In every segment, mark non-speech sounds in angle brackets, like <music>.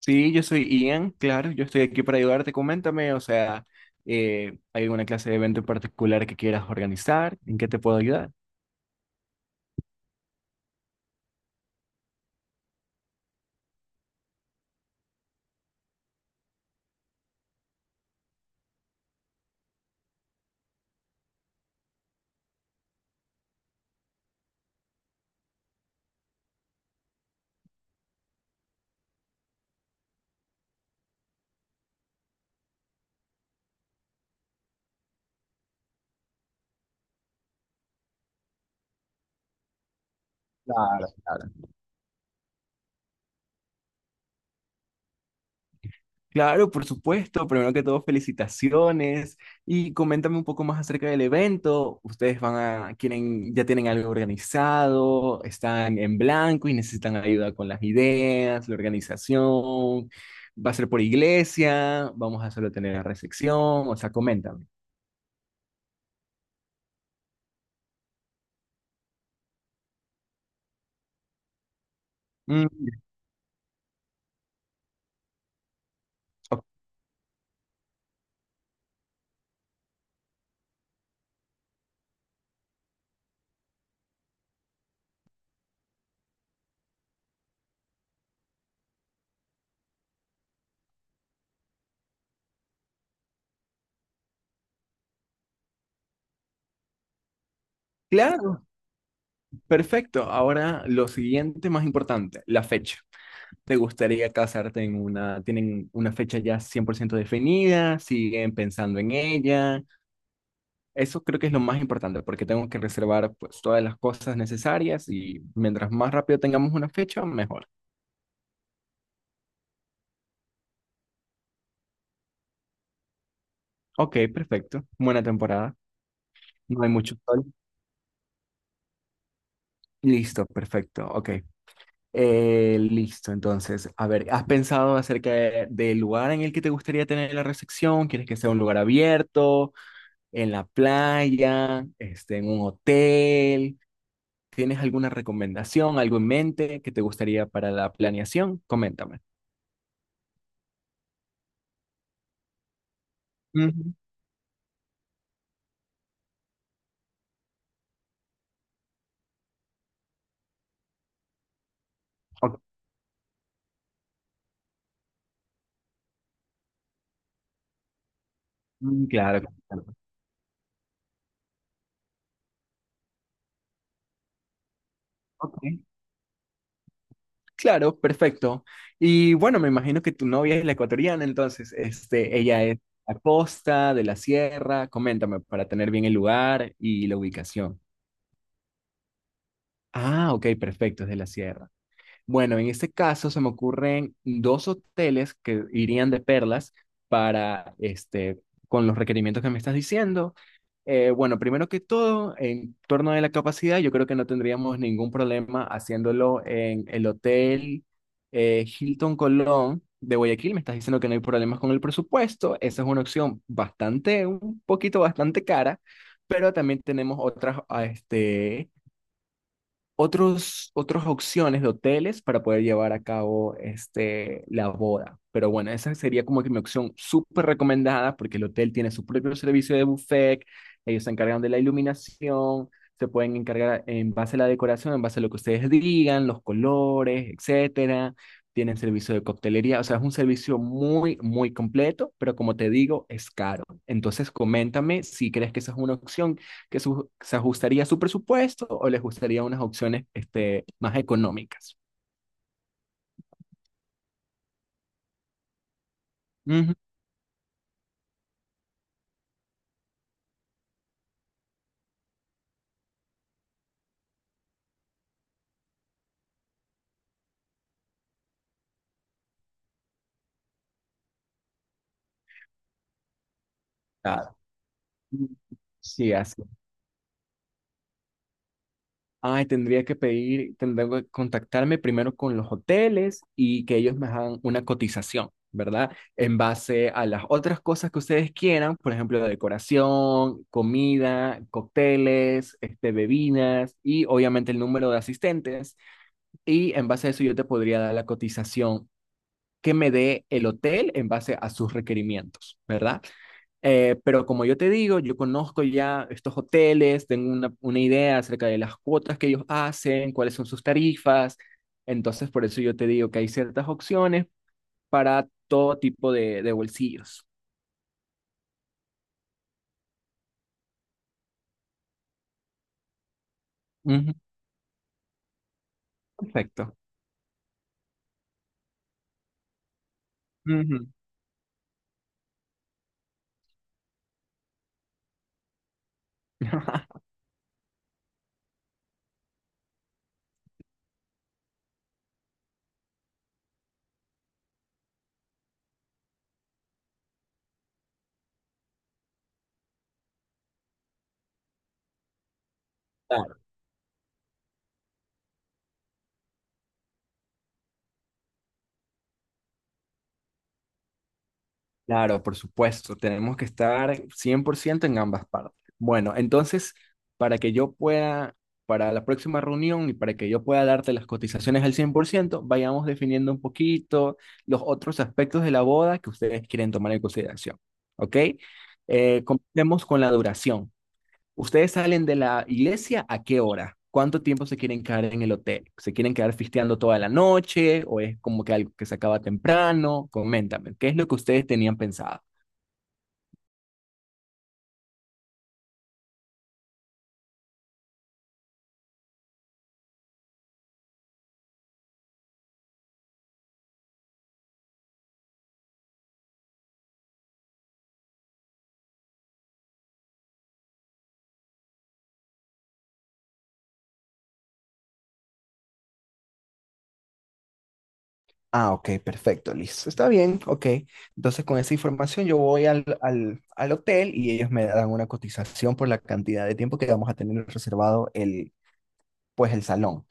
Sí, yo soy Ian, claro, yo estoy aquí para ayudarte. Coméntame, o sea, ¿hay alguna clase de evento en particular que quieras organizar? ¿En qué te puedo ayudar? Claro, claro. Claro, por supuesto. Primero que todo, felicitaciones y coméntame un poco más acerca del evento. ¿Ustedes quieren, ya tienen algo organizado? ¿Están en blanco y necesitan ayuda con las ideas, la organización? ¿Va a ser por iglesia? ¿Vamos a solo tener la recepción? O sea, coméntame. Mm. Ok. Claro. Perfecto. Ahora lo siguiente más importante, la fecha. ¿Te gustaría casarte tienen una fecha ya 100% definida? ¿Siguen pensando en ella? Eso creo que es lo más importante porque tengo que reservar pues todas las cosas necesarias y mientras más rápido tengamos una fecha, mejor. Ok, perfecto. Buena temporada. No hay mucho sol. Listo, perfecto. Ok. Listo, entonces, a ver, ¿has pensado acerca del lugar en el que te gustaría tener la recepción? ¿Quieres que sea un lugar abierto, en la playa, este, en un hotel? ¿Tienes alguna recomendación, algo en mente que te gustaría para la planeación? Coméntame. Ujú. Ok. Mm. Claro, claro. Ok. Claro, perfecto. Y bueno, me imagino que tu novia es la ecuatoriana, entonces, este, ella es de la costa, de la sierra. Coméntame para tener bien el lugar y la ubicación. Ah, ok, perfecto, es de la sierra. Bueno, en este caso se me ocurren dos hoteles que irían de perlas para este con los requerimientos que me estás diciendo. Bueno, primero que todo, en torno a la capacidad, yo creo que no tendríamos ningún problema haciéndolo en el hotel Hilton Colón de Guayaquil. Me estás diciendo que no hay problemas con el presupuesto. Esa es una opción bastante, un poquito bastante cara, pero también tenemos otras, ah, este, otros, otras opciones de hoteles para poder llevar a cabo este, la boda. Pero bueno, esa sería como que mi opción súper recomendada porque el hotel tiene su propio servicio de buffet, ellos se encargan de la iluminación, se pueden encargar en base a la decoración, en base a lo que ustedes digan, los colores, etcétera. Tienen servicio de coctelería, o sea, es un servicio muy, muy completo, pero como te digo, es caro. Entonces, coméntame si crees que esa es una opción que se ajustaría a su presupuesto o les gustaría unas opciones este, más económicas. Ujú, claro. Sí, así. Ay, tendría que contactarme primero con los hoteles y que ellos me hagan una cotización, ¿verdad? En base a las otras cosas que ustedes quieran, por ejemplo, la decoración, comida, cócteles, este, bebidas y obviamente el número de asistentes. Y en base a eso yo te podría dar la cotización que me dé el hotel en base a sus requerimientos, ¿verdad? Pero como yo te digo, yo conozco ya estos hoteles, tengo una idea acerca de las cuotas que ellos hacen, cuáles son sus tarifas. Entonces, por eso yo te digo que hay ciertas opciones para todo tipo de bolsillos. Ujú, perfecto. Ujú. <laughs> Claro, por supuesto, tenemos que estar 100% en ambas partes. Bueno, entonces, para que yo pueda, para la próxima reunión y para que yo pueda darte las cotizaciones al 100%, vayamos definiendo un poquito los otros aspectos de la boda que ustedes quieren tomar en consideración. ¿Ok? Comencemos con la duración. ¿Ustedes salen de la iglesia a qué hora? ¿Cuánto tiempo se quieren quedar en el hotel? ¿Se quieren quedar fisteando toda la noche o es como que algo que se acaba temprano? Coméntame, ¿qué es lo que ustedes tenían pensado? Ah, ok, perfecto, listo. Está bien, ok. Entonces con esa información yo voy al hotel y ellos me dan una cotización por la cantidad de tiempo que vamos a tener reservado el, pues el salón.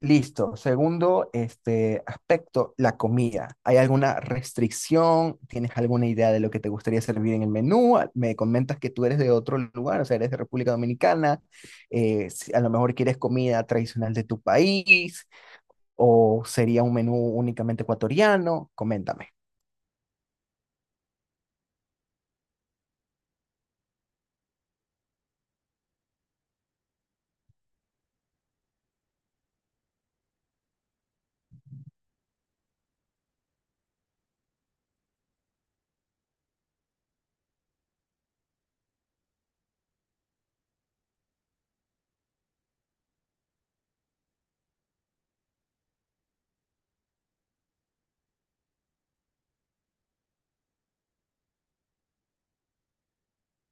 Listo. Segundo, este aspecto, la comida. ¿Hay alguna restricción? ¿Tienes alguna idea de lo que te gustaría servir en el menú? Me comentas que tú eres de otro lugar, o sea, eres de República Dominicana. Si a lo mejor quieres comida tradicional de tu país o sería un menú únicamente ecuatoriano. Coméntame.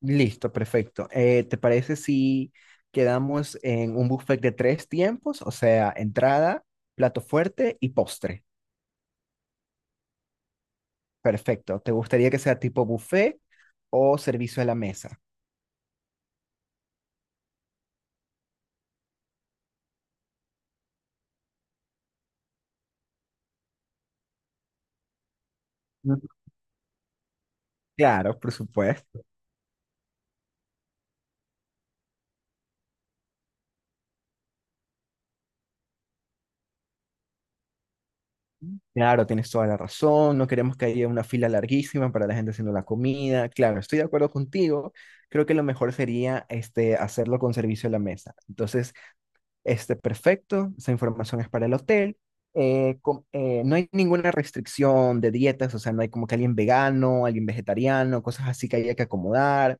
Listo, perfecto. ¿Te parece si quedamos en un buffet de tres tiempos? O sea, entrada, plato fuerte y postre. Perfecto. ¿Te gustaría que sea tipo buffet o servicio a la mesa? Ujú. Claro, por supuesto. Claro, tienes toda la razón. No queremos que haya una fila larguísima para la gente haciendo la comida. Claro, estoy de acuerdo contigo. Creo que lo mejor sería este, hacerlo con servicio a la mesa. Entonces, este, perfecto. Esa información es para el hotel. No hay ninguna restricción de dietas, o sea, no hay como que alguien vegano, alguien vegetariano, cosas así que haya que acomodar.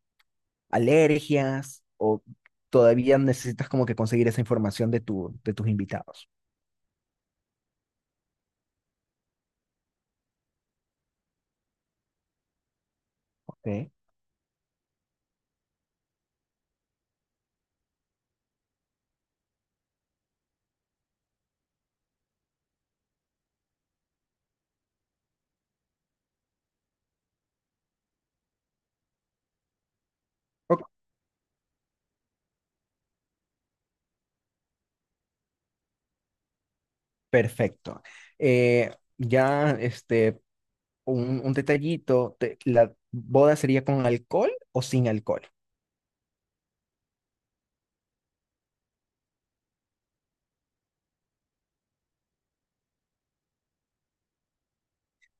Alergias o todavía necesitas como que conseguir esa información de tus invitados. ¿Ok? Ok. Perfecto. Eh, ya, este, un detallito, ¿la boda sería con alcohol o sin alcohol?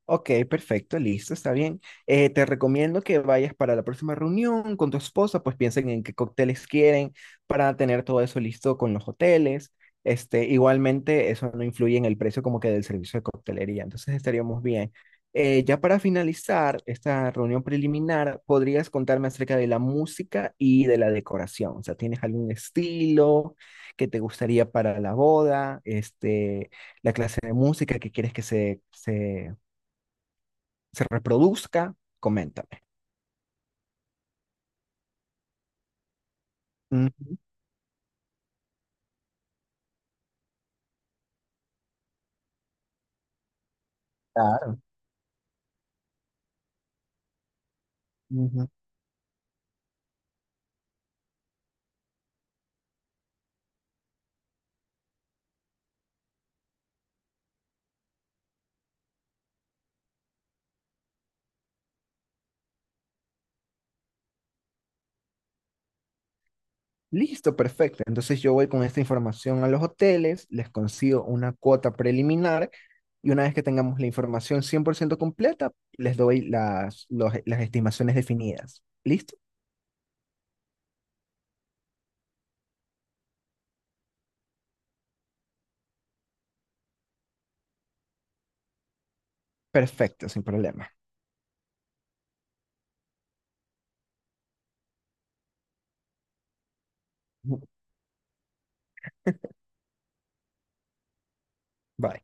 Ok, perfecto, listo, está bien. Te recomiendo que vayas para la próxima reunión con tu esposa, pues piensen en qué cócteles quieren para tener todo eso listo con los hoteles. Este, igualmente, eso no influye en el precio como que del servicio de coctelería, entonces estaríamos bien. Ya para finalizar esta reunión preliminar, ¿podrías contarme acerca de la música y de la decoración? O sea, ¿tienes algún estilo que te gustaría para la boda? Este, la clase de música que quieres que se reproduzca, coméntame. Ujú. Claro. Ujú. Listo, perfecto. Entonces yo voy con esta información a los hoteles, les consigo una cuota preliminar y una vez que tengamos la información 100% completa, les doy las estimaciones definidas. ¿Listo? Perfecto, sin problema. Ujú. Bye.